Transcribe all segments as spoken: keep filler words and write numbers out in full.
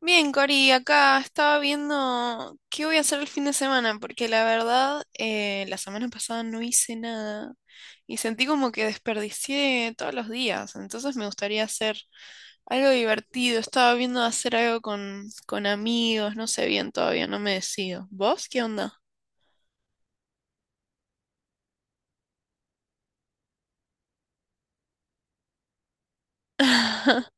Bien, Cori, acá estaba viendo qué voy a hacer el fin de semana, porque la verdad, eh, la semana pasada no hice nada y sentí como que desperdicié todos los días, entonces me gustaría hacer algo divertido, estaba viendo hacer algo con, con amigos, no sé bien todavía, no me decido. ¿Vos qué onda?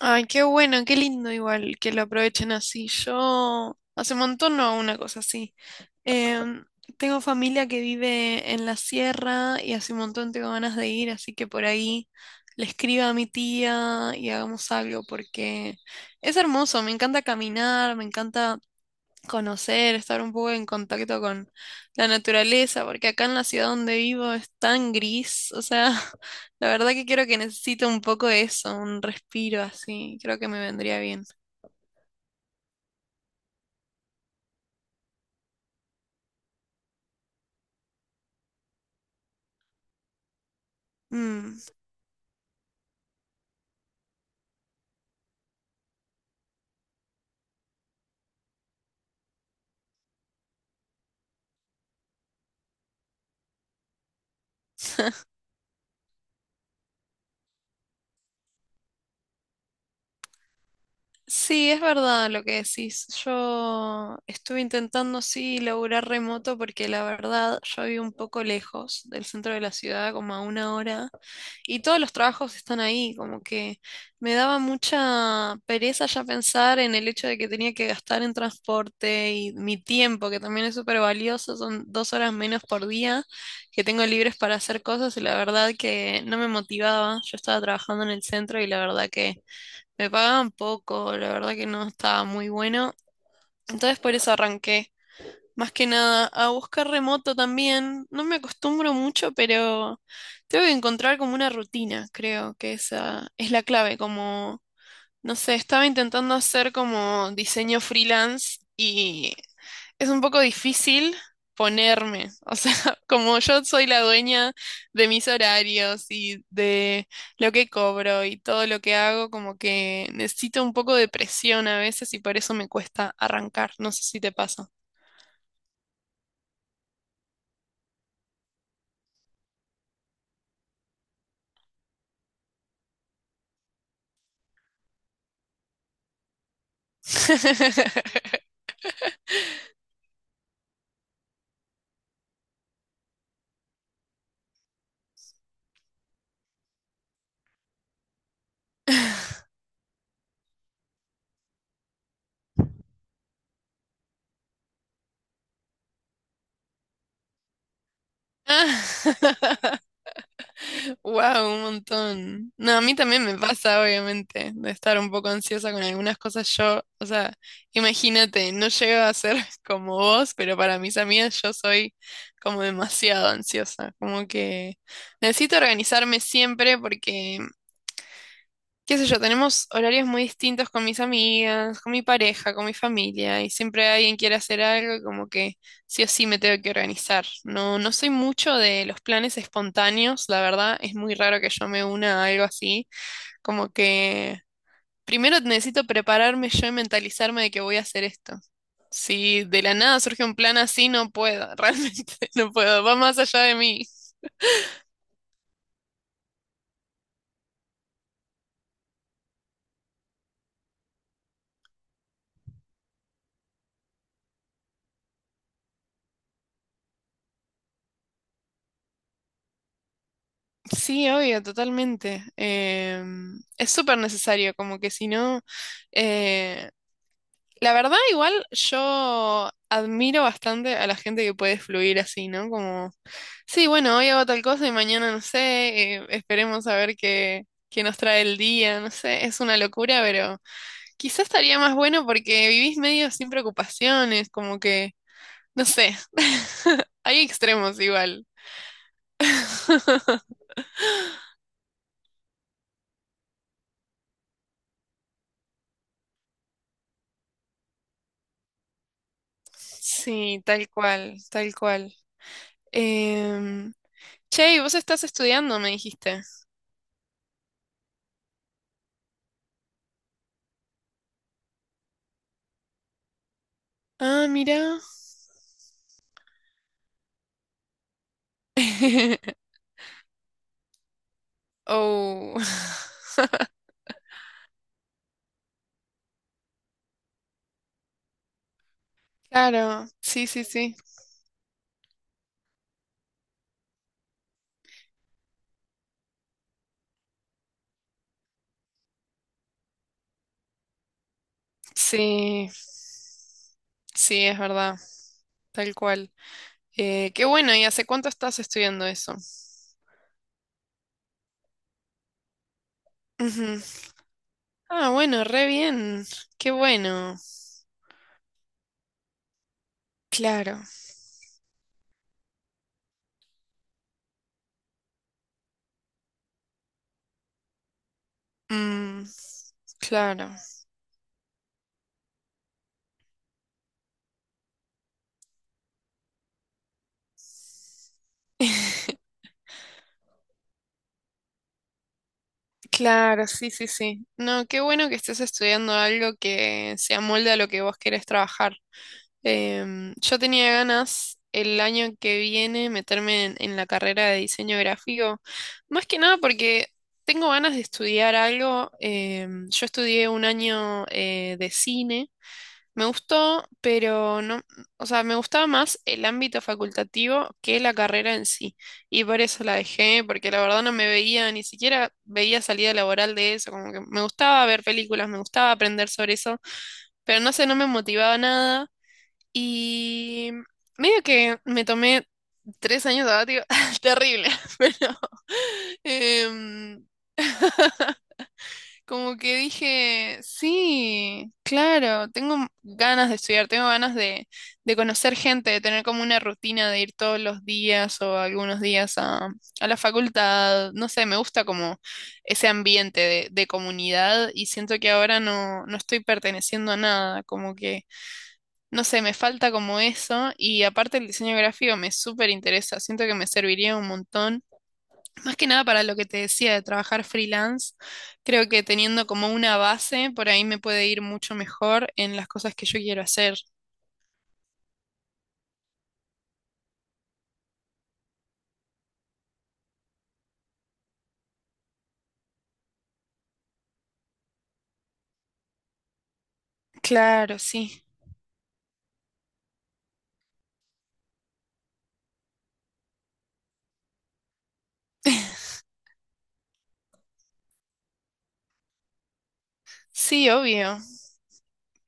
Ay, qué bueno, qué lindo igual que lo aprovechen así. Yo hace un montón no hago una cosa así. Em, Tengo familia que vive en la sierra y hace un montón tengo ganas de ir, así que por ahí le escriba a mi tía y hagamos algo porque es hermoso, me encanta caminar, me encanta conocer, estar un poco en contacto con la naturaleza, porque acá en la ciudad donde vivo es tan gris, o sea, la verdad que creo que necesito un poco de eso, un respiro así, creo que me vendría bien. Mm. Sí, es verdad lo que decís. Yo estuve intentando, sí, laburar remoto porque la verdad yo vivo un poco lejos del centro de la ciudad, como a una hora. Y todos los trabajos están ahí, como que me daba mucha pereza ya pensar en el hecho de que tenía que gastar en transporte y mi tiempo, que también es súper valioso, son dos horas menos por día que tengo libres para hacer cosas y la verdad que no me motivaba. Yo estaba trabajando en el centro y la verdad que me pagaban poco, la verdad que no estaba muy bueno. Entonces por eso arranqué. Más que nada, a buscar remoto también. No me acostumbro mucho, pero tengo que encontrar como una rutina, creo que esa es la clave. Como, no sé, estaba intentando hacer como diseño freelance y es un poco difícil ponerme. O sea, como yo soy la dueña de mis horarios y de lo que cobro y todo lo que hago, como que necesito un poco de presión a veces y por eso me cuesta arrancar. No sé si te pasa. Wow, un montón. No, a mí también me pasa, obviamente, de estar un poco ansiosa con algunas cosas. Yo, o sea, imagínate, no llego a ser como vos, pero para mis amigas yo soy como demasiado ansiosa. Como que necesito organizarme siempre porque qué sé yo, tenemos horarios muy distintos con mis amigas, con mi pareja, con mi familia, y siempre alguien quiere hacer algo, y como que sí o sí me tengo que organizar. No, no soy mucho de los planes espontáneos, la verdad, es muy raro que yo me una a algo así, como que primero necesito prepararme yo y mentalizarme de que voy a hacer esto. Si de la nada surge un plan así, no puedo, realmente no puedo, va más allá de mí. Sí, obvio, totalmente. Em, es súper necesario, como que si no, eh, la verdad igual yo admiro bastante a la gente que puede fluir así, ¿no? Como, sí, bueno, hoy hago tal cosa y mañana no sé, eh, esperemos a ver qué, qué nos trae el día, no sé, es una locura, pero quizás estaría más bueno porque vivís medio sin preocupaciones, como que, no sé, hay extremos igual. Sí, tal cual, tal cual. Em, che, y vos estás estudiando, me dijiste. Ah, mira. Oh. Claro, sí, sí, sí. Sí, sí, es verdad, tal cual. Eh, qué bueno, ¿y hace cuánto estás estudiando eso? Ujú. Ah, bueno, re bien. Qué bueno. Claro. Mm, claro. Claro, sí, sí, sí. No, qué bueno que estés estudiando algo que se amolde a lo que vos querés trabajar. Em, yo tenía ganas el año que viene meterme en, en la carrera de diseño gráfico, más que nada porque tengo ganas de estudiar algo. Em, yo estudié un año eh, de cine. Me gustó, pero no, o sea, me gustaba más el ámbito facultativo que la carrera en sí. Y por eso la dejé, porque la verdad no me veía, ni siquiera veía salida laboral de eso. Como que me gustaba ver películas, me gustaba aprender sobre eso, pero no sé, no me motivaba nada. Y medio que me tomé tres años sabático, terrible, pero em, como que dije, sí, claro, tengo ganas de estudiar, tengo ganas de, de conocer gente, de tener como una rutina de ir todos los días o algunos días a, a la facultad. No sé, me gusta como ese ambiente de, de comunidad y siento que ahora no, no estoy perteneciendo a nada, como que, no sé, me falta como eso y aparte el diseño gráfico me súper interesa, siento que me serviría un montón. Más que nada para lo que te decía de trabajar freelance, creo que teniendo como una base, por ahí me puede ir mucho mejor en las cosas que yo quiero hacer. Claro, sí. Sí, obvio.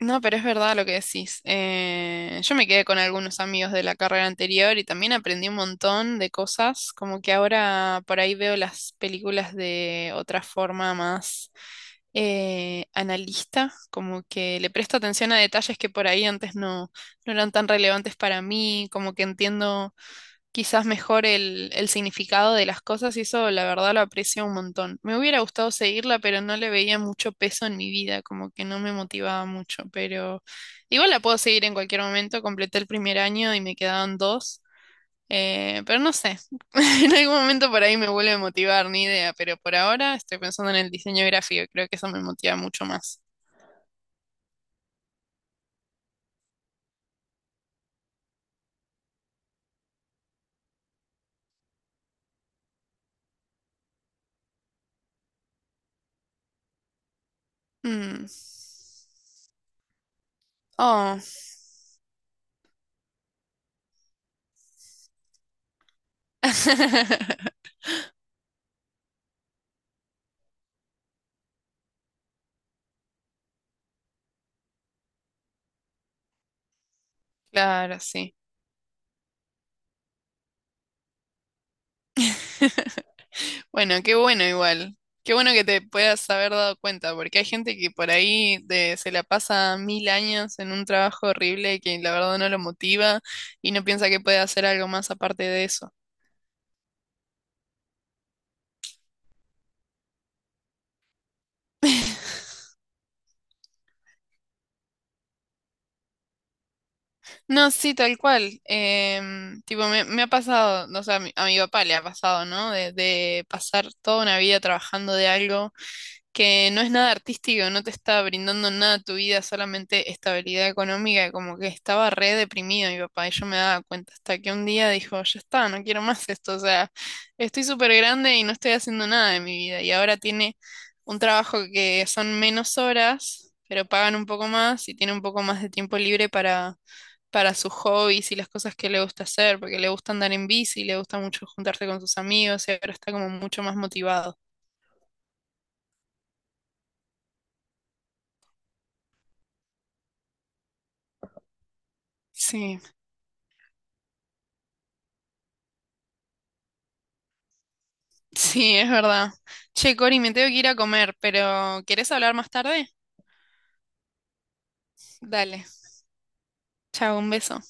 No, pero es verdad lo que decís. Eh, yo me quedé con algunos amigos de la carrera anterior y también aprendí un montón de cosas, como que ahora por ahí veo las películas de otra forma más eh, analista, como que le presto atención a detalles que por ahí antes no, no eran tan relevantes para mí, como que entiendo quizás mejor el, el significado de las cosas y eso la verdad lo aprecio un montón. Me hubiera gustado seguirla, pero no le veía mucho peso en mi vida, como que no me motivaba mucho, pero igual la puedo seguir en cualquier momento. Completé el primer año y me quedaban dos, eh, pero no sé, en algún momento por ahí me vuelve a motivar, ni idea, pero por ahora estoy pensando en el diseño gráfico, creo que eso me motiva mucho más. Mm. Oh, claro, sí. Bueno, qué bueno igual. Qué bueno que te puedas haber dado cuenta, porque hay gente que por ahí de- se la pasa mil años en un trabajo horrible que la verdad no lo motiva y no piensa que puede hacer algo más aparte de eso. No, sí, tal cual. Em, tipo, me, me ha pasado, no sé, a mi, a mi papá le ha pasado, ¿no? De, de pasar toda una vida trabajando de algo. Que no es nada artístico, no te está brindando nada a tu vida, solamente estabilidad económica, y como que estaba re deprimido mi papá y yo me daba cuenta hasta que un día dijo, ya está, no quiero más esto, o sea, estoy súper grande y no estoy haciendo nada de mi vida y ahora tiene un trabajo que son menos horas, pero pagan un poco más y tiene un poco más de tiempo libre para... para sus hobbies y las cosas que le gusta hacer, porque le gusta andar en bici, le gusta mucho juntarse con sus amigos y ahora está como mucho más motivado. Sí. Sí, es verdad. Che, Cori, me tengo que ir a comer, pero ¿querés hablar más tarde? Dale. Chao, un beso.